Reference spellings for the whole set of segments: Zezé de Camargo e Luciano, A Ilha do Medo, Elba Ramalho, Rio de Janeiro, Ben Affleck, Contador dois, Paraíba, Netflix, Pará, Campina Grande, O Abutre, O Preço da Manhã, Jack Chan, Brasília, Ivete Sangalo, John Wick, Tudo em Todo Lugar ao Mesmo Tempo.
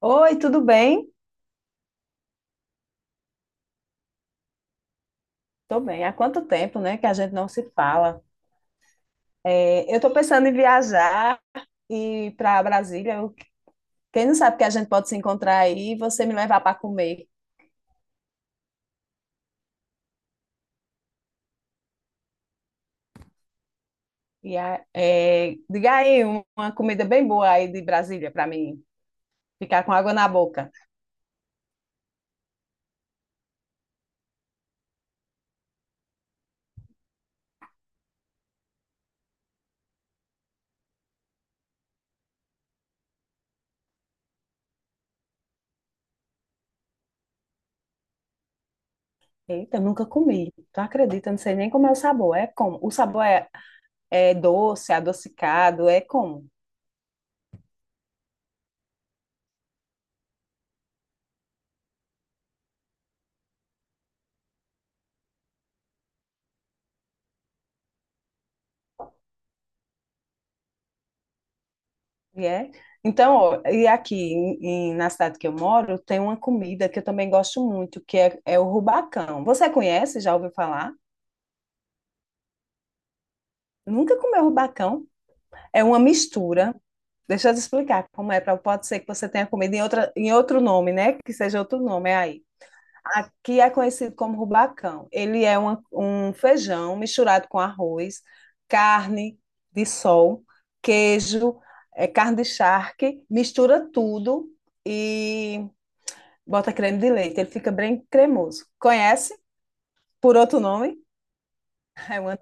Oi, tudo bem? Tô bem. Há quanto tempo, né, que a gente não se fala? Eu tô pensando em viajar para Brasília. Quem não sabe que a gente pode se encontrar aí e você me levar para comer. Diga aí uma comida bem boa aí de Brasília para mim ficar com água na boca. Eita, eu nunca comi. Tu acredita? Eu não sei nem como é o sabor. É como? O sabor é doce, adocicado, é como? E é. Então, ó, e aqui na cidade que eu moro, tem uma comida que eu também gosto muito, é o rubacão. Você conhece? Já ouviu falar? Nunca comeu rubacão? É uma mistura. Deixa eu te explicar como é, pra, pode ser que você tenha comido em outro nome, né? Que seja outro nome, é aí. Aqui é conhecido como rubacão. Ele é um feijão misturado com arroz, carne de sol, queijo, é, carne de charque, mistura tudo e bota creme de leite, ele fica bem cremoso. Conhece? Por outro nome? É uma-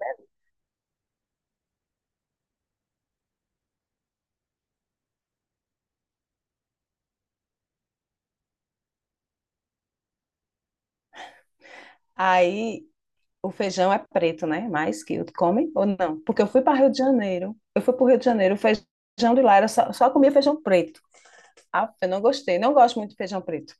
Aí o feijão é preto, né? Mas que eu come ou não? Porque eu fui para Rio de Janeiro. Eu fui para o Rio de Janeiro, o feijão de lá era só comia feijão preto. Ah, eu não gostei, não gosto muito de feijão preto.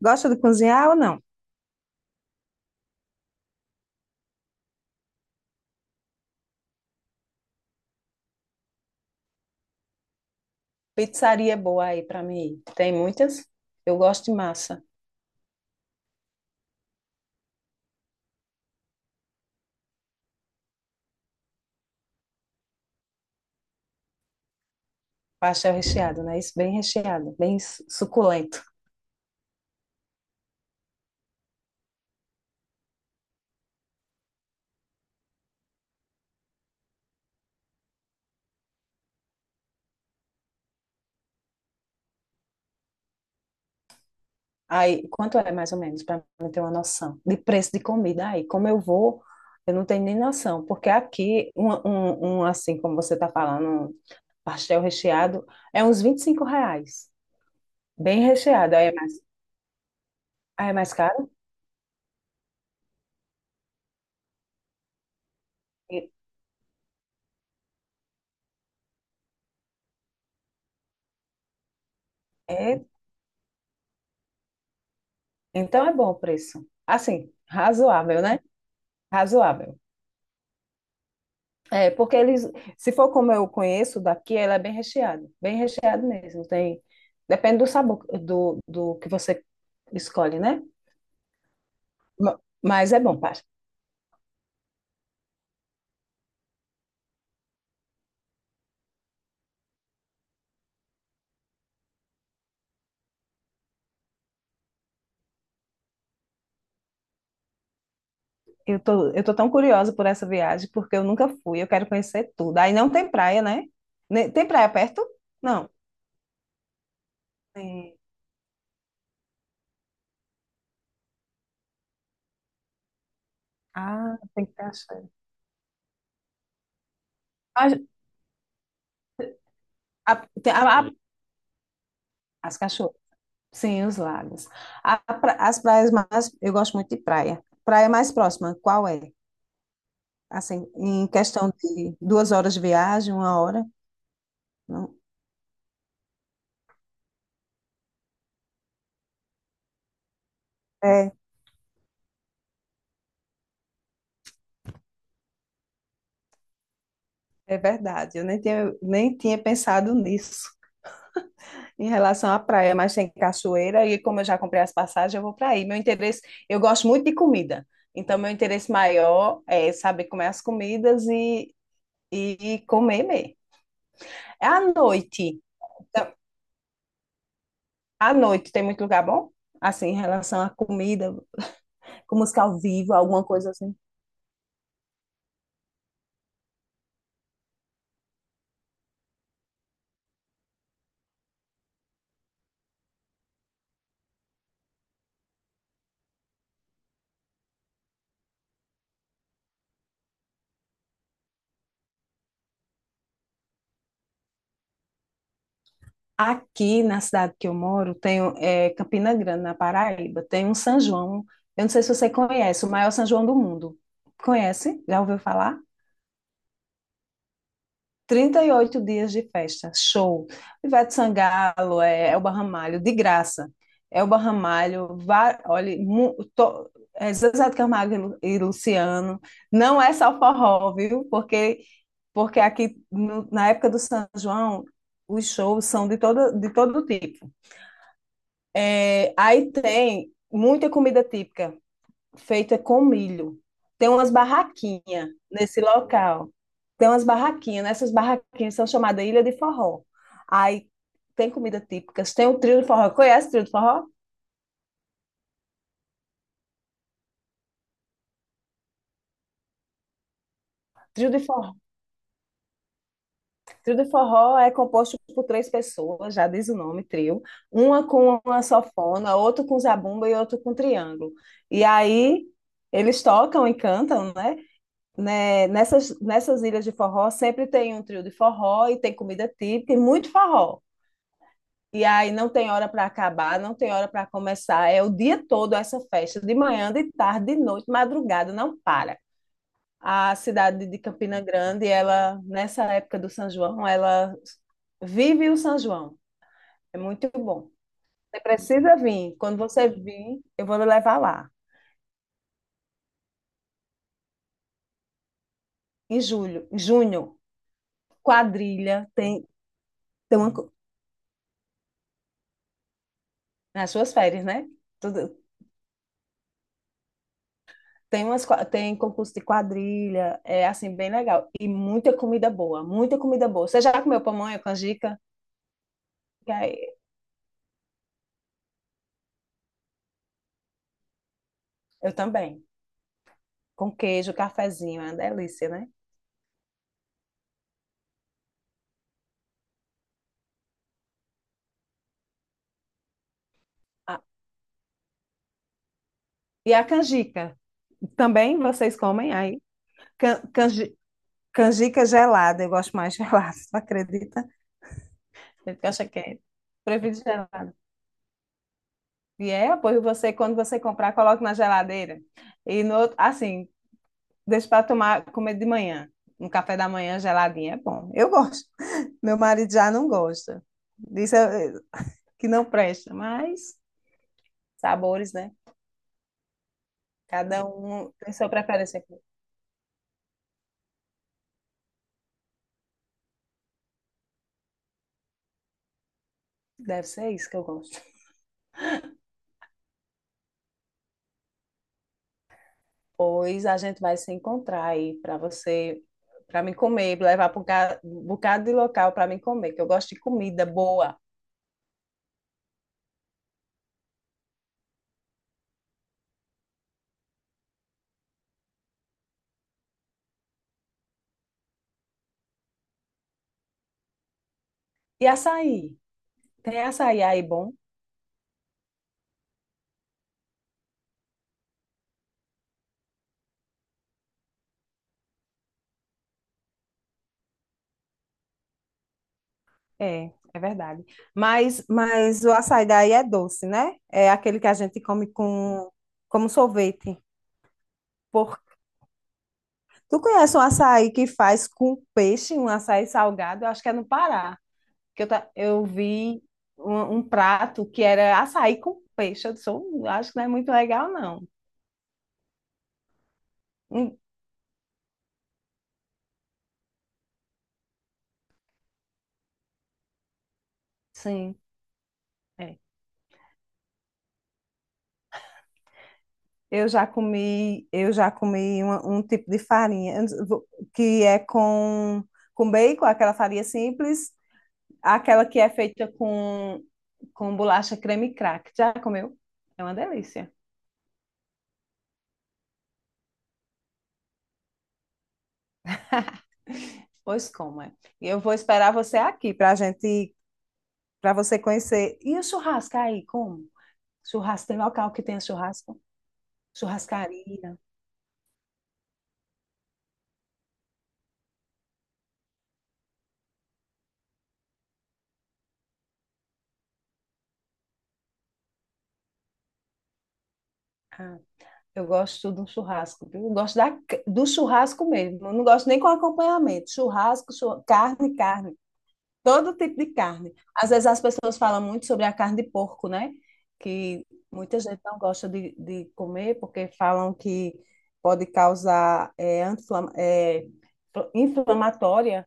Gosta de cozinhar ou não? Pizzaria é boa aí para mim ir. Tem muitas. Eu gosto de massa. Pastel recheado, né? Isso bem recheado, bem suculento. Aí, quanto é mais ou menos, para eu ter uma noção de preço de comida aí? Como eu vou, eu não tenho nem noção, porque aqui, um, assim como você está falando, um pastel recheado, é uns R$ 25, bem recheado, aí é mais caro? E- É, então é bom o preço. Assim, razoável, né? Razoável. É, porque eles, se for como eu conheço daqui, ela é bem recheado mesmo, tem, depende do sabor, do que você escolhe, né? Mas é bom, Paty. Eu tô tão curiosa por essa viagem, porque eu nunca fui, eu quero conhecer tudo. Aí não tem praia, né? Tem praia perto? Não. Tem. Ah, tem cachoeira. A- a- tem a- a- as cachoeiras. Sim, os lagos. As praias mais. Eu gosto muito de praia. Praia mais próxima, qual é? Assim, em questão de duas horas de viagem, uma hora? Não. É, é verdade. Eu nem tinha, nem tinha pensado nisso em relação à praia, mas tem cachoeira e como eu já comprei as passagens, eu vou para aí. Meu interesse, eu gosto muito de comida, então meu interesse maior é saber comer as e comer mesmo. É à noite. Então, à noite tem muito lugar bom? Assim, em relação à comida, com música ao vivo, alguma coisa assim. Aqui na cidade que eu moro, tem é, Campina Grande, na Paraíba, tem um São João. Eu não sei se você conhece, o maior São João do mundo. Conhece? Já ouviu falar? 38 dias de festa, show. Ivete Sangalo, é, Elba Ramalho, de graça. Elba Ramalho, olha, Zezé de Camargo e Luciano. Não é só forró, viu? Porque aqui, na época do São João, os shows são de todo tipo. É, aí tem muita comida típica, feita com milho. Tem umas barraquinhas nesse local. Tem umas barraquinhas, né? Essas barraquinhas são chamadas Ilha de Forró. Aí tem comida típica, tem o trio de forró. Conhece o trio de forró? Trio de forró. Trio de forró é composto por três pessoas, já diz o nome, trio. Uma com uma sanfona, outra com zabumba e outra com triângulo. E aí eles tocam e cantam, né? Né, nessas ilhas de forró sempre tem um trio de forró e tem comida típica e muito forró. E aí não tem hora para acabar, não tem hora para começar. É o dia todo essa festa, de manhã, de tarde, de noite, madrugada, não para. A cidade de Campina Grande, ela nessa época do São João, ela vive o São João. É muito bom. Você precisa vir. Quando você vir, eu vou lhe levar lá. Em julho, em junho, quadrilha, tem, tem uma, co- nas suas férias, né? Tem umas, tem concurso de quadrilha, é assim, bem legal. E muita comida boa, muita comida boa. Você já comeu pamonha, canjica? Que aí- Eu também. Com queijo, cafezinho, é uma delícia, né? Ah, e a canjica, também vocês comem aí? Can- canji- Canjica gelada, eu gosto mais gelada, tu acredita? Eu acho que é. Prefiro gelada. E é, apoio você, quando você comprar, coloque na geladeira. E no outro, assim, deixa para tomar, comer de manhã. Um café da manhã geladinho é bom. Eu gosto. Meu marido já não gosta. Diz que não presta, mas sabores, né? Cada um tem sua preferência. Deve ser isso que eu gosto. Pois a gente vai se encontrar aí para você, para mim comer, levar para um um bocado de local para mim comer, que eu gosto de comida boa. E açaí? Tem açaí aí bom? É, é verdade. Mas o açaí daí é doce, né? É aquele que a gente come com, como sorvete. Tu conhece um açaí que faz com peixe, um açaí salgado? Eu acho que é no Pará. Que eu, eu vi um prato que era açaí com peixe. Eu disse, acho que não é muito legal, não. Hum, sim, é. Eu já comi um tipo de farinha eu que é com bacon, aquela farinha simples, aquela que é feita com bolacha creme crack. Já comeu? É uma delícia. Pois como é. E eu vou esperar você aqui para a gente para você conhecer. E o churrasco aí, como? Churrasco, tem local que tem churrasco? Churrascaria. Ah, eu gosto de um churrasco, viu? Do churrasco mesmo. Eu não gosto nem com acompanhamento. Carne, carne. Todo tipo de carne. Às vezes as pessoas falam muito sobre a carne de porco, né? Que muita gente não gosta de comer porque falam que pode causar é, anti-inflamatória.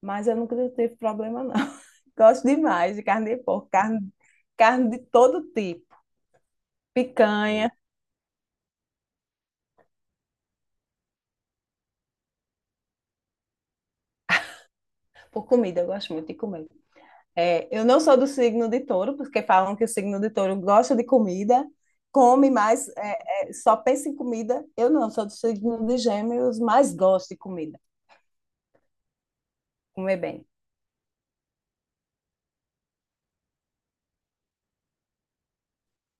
Mas eu nunca tive problema, não. Gosto demais de carne de porco, carne, carne de todo tipo. Picanha, por comida, eu gosto muito de comer. É, eu não sou do signo de touro, porque falam que o signo de touro gosta de comida, come mais, só pensa em comida. Eu não, sou do signo de gêmeos, mas gosto de comida, comer bem.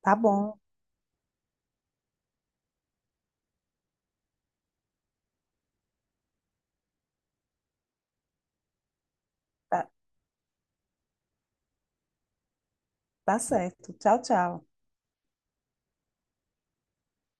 Tá bom, tá, tá certo. Tchau, tchau.